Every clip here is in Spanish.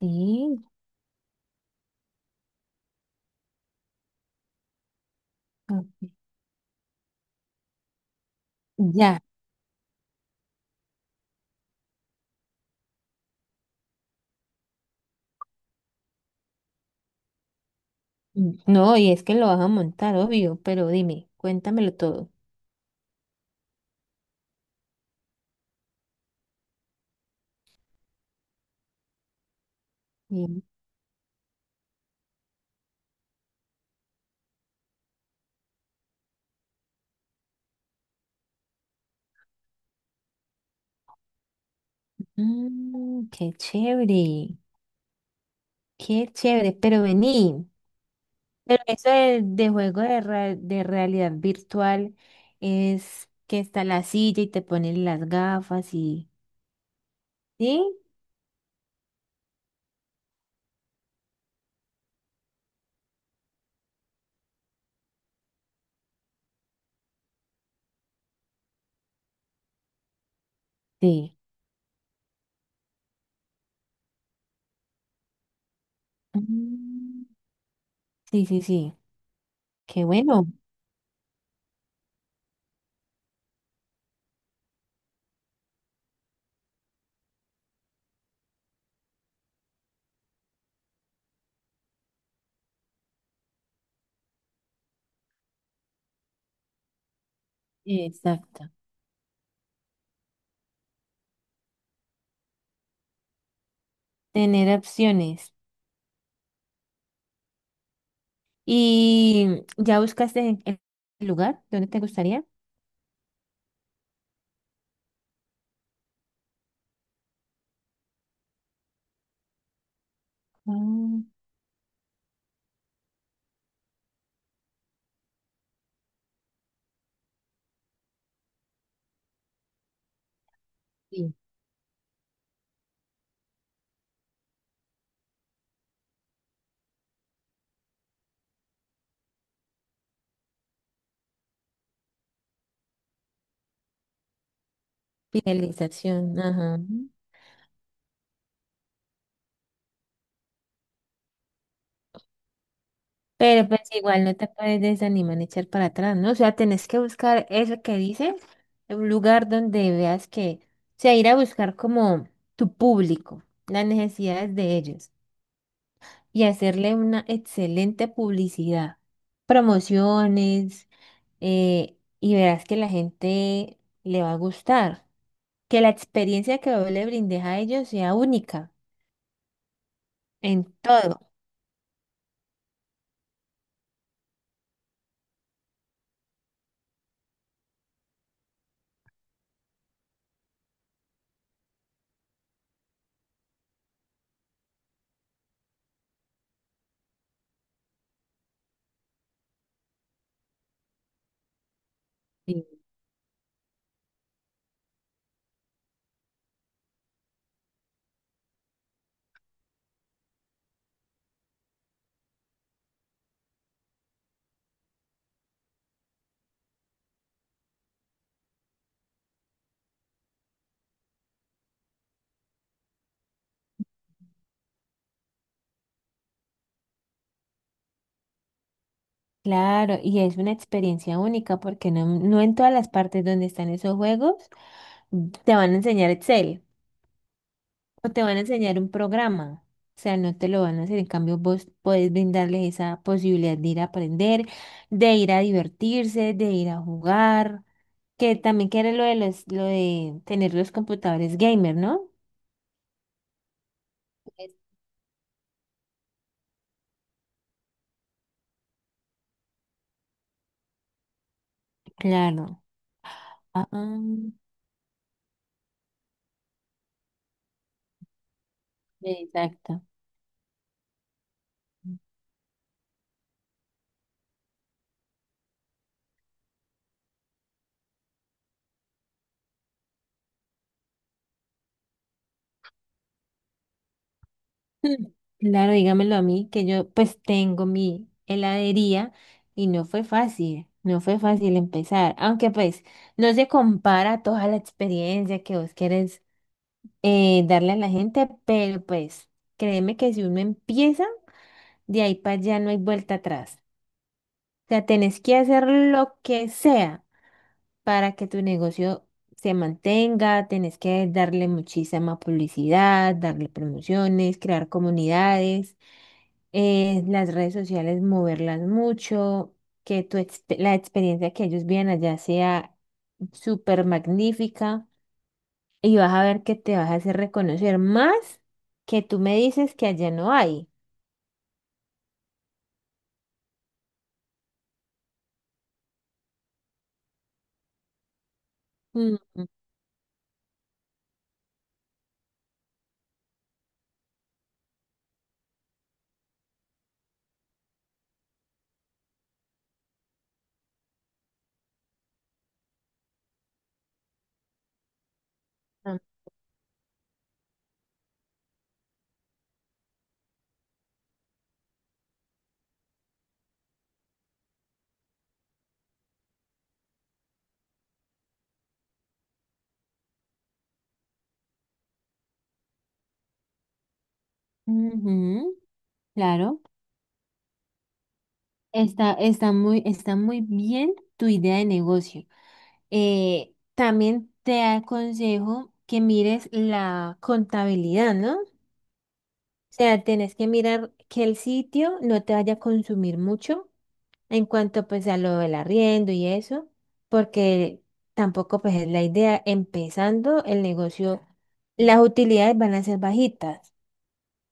Sí, ok, ya. No, y es que lo vas a montar, obvio, pero dime, cuéntamelo todo. Y, Mm, qué chévere, pero vení. Pero eso de realidad virtual es que está la silla y te ponen las gafas y... ¿Sí? Sí. Mm, sí, sí, sí. Qué bueno. Exacto. Tener opciones. ¿Y ya buscaste el lugar? ¿Dónde te gustaría? Ah, sí. Finalización, ajá. Pero pues igual no te puedes desanimar ni echar para atrás, ¿no? O sea, tenés que buscar eso que dice un lugar donde veas que, o sea, ir a buscar como tu público, las necesidades de ellos y hacerle una excelente publicidad, promociones, y verás que la gente le va a gustar, que la experiencia que vos le brindes a ellos sea única en todo. Claro, y es una experiencia única porque no, no en todas las partes donde están esos juegos mm, te van a enseñar Excel o te van a enseñar un programa. O sea, no te lo van a hacer. En cambio, vos podés brindarles esa posibilidad de ir a aprender, de ir a divertirse, de ir a jugar, que también quiere lo de los, lo de tener los computadores gamer, ¿no? Es- Claro. Ah, ah, exacto. Mm, claro, dígamelo a mí, que yo pues tengo mi heladería y no fue fácil, no fue fácil empezar, aunque pues no se compara toda la experiencia que vos quieres darle a la gente, pero pues créeme que si uno empieza, de ahí para allá no hay vuelta atrás. O sea, tenés que hacer lo que sea para que tu negocio se mantenga, tenés que darle muchísima publicidad, darle promociones, crear comunidades, las redes sociales, moverlas mucho, que la experiencia que ellos viven allá sea súper magnífica, y vas a ver que te vas a hacer reconocer más, que tú me dices que allá no hay. Mm, ah, ujú, claro, está, está muy bien tu idea de negocio. También te aconsejo que mires la contabilidad, ¿no? O sea, tenés que mirar que el sitio no te vaya a consumir mucho en cuanto pues a lo del arriendo y eso, porque tampoco pues es la idea, empezando el negocio, las utilidades van a ser bajitas,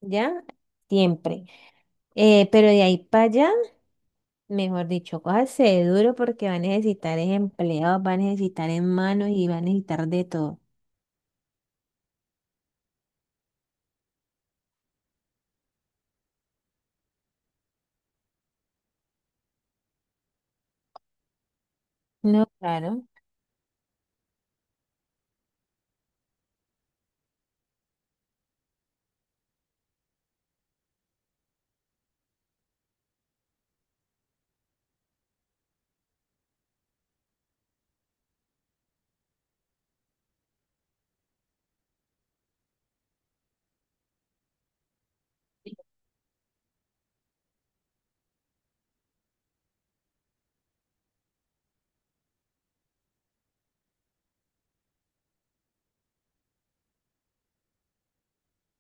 ¿ya? Siempre. Pero de ahí para allá, mejor dicho, cójase duro porque va a necesitar es empleados, va a necesitar en manos y va a necesitar de todo. No, claro.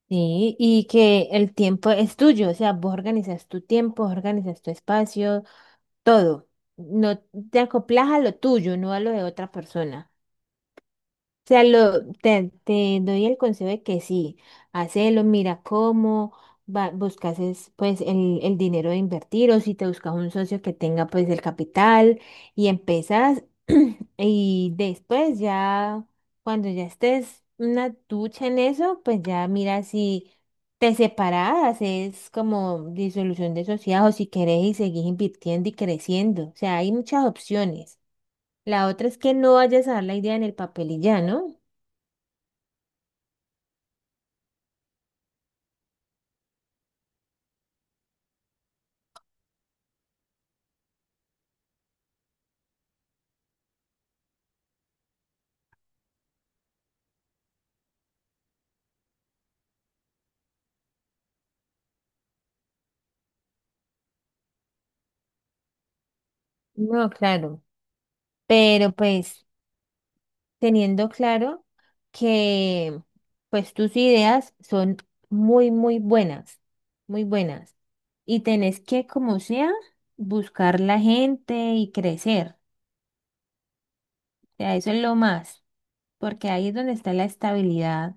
Sí, y que el tiempo es tuyo, o sea, vos organizas tu tiempo, organizas tu espacio, todo. No te acoplas a lo tuyo, no a lo de otra persona, sea, te doy el consejo de que sí, hacelo, mira cómo va, buscas es, pues el dinero de invertir, o si te buscas un socio que tenga pues el capital, y empezás y después ya cuando ya estés una ducha en eso, pues ya mira si te separás, es como disolución de sociedad, o si querés y seguís invirtiendo y creciendo, o sea, hay muchas opciones. La otra es que no vayas a dar la idea en el papel y ya, ¿no? No, claro, pero pues teniendo claro que pues tus ideas son muy, muy buenas, muy buenas. Y tenés que, como sea, buscar la gente y crecer. O sea, eso es lo más, porque ahí es donde está la estabilidad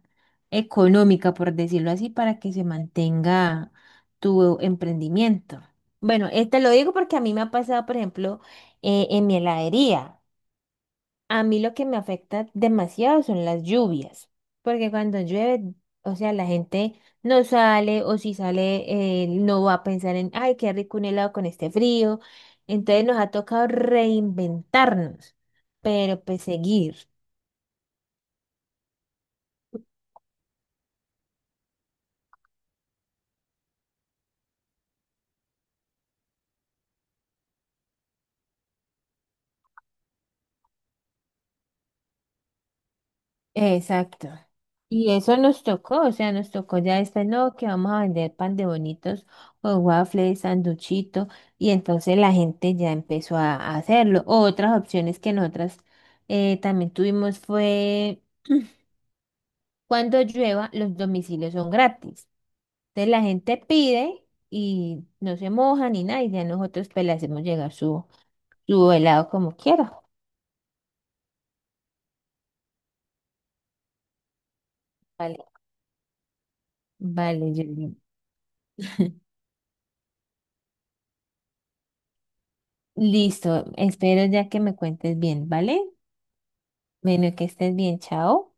económica, por decirlo así, para que se mantenga tu emprendimiento. Bueno, te lo digo porque a mí me ha pasado, por ejemplo, en mi heladería. A mí lo que me afecta demasiado son las lluvias, porque cuando llueve, o sea, la gente no sale, o si sale no va a pensar en, ay, qué rico un helado con este frío. Entonces nos ha tocado reinventarnos, pero pues seguir. Exacto. Y eso nos tocó, o sea, nos tocó ya este, no, que vamos a vender pan de bonitos o waffles, sanduchito, y entonces la gente ya empezó a hacerlo. O otras opciones que nosotras también tuvimos fue, cuando llueva, los domicilios son gratis. Entonces la gente pide y no se moja ni nada, y ya nosotros pues le hacemos llegar su helado como quiera. Vale, vale, Yuli. Listo, espero ya que me cuentes bien, ¿vale? Bueno, que estés bien, chao.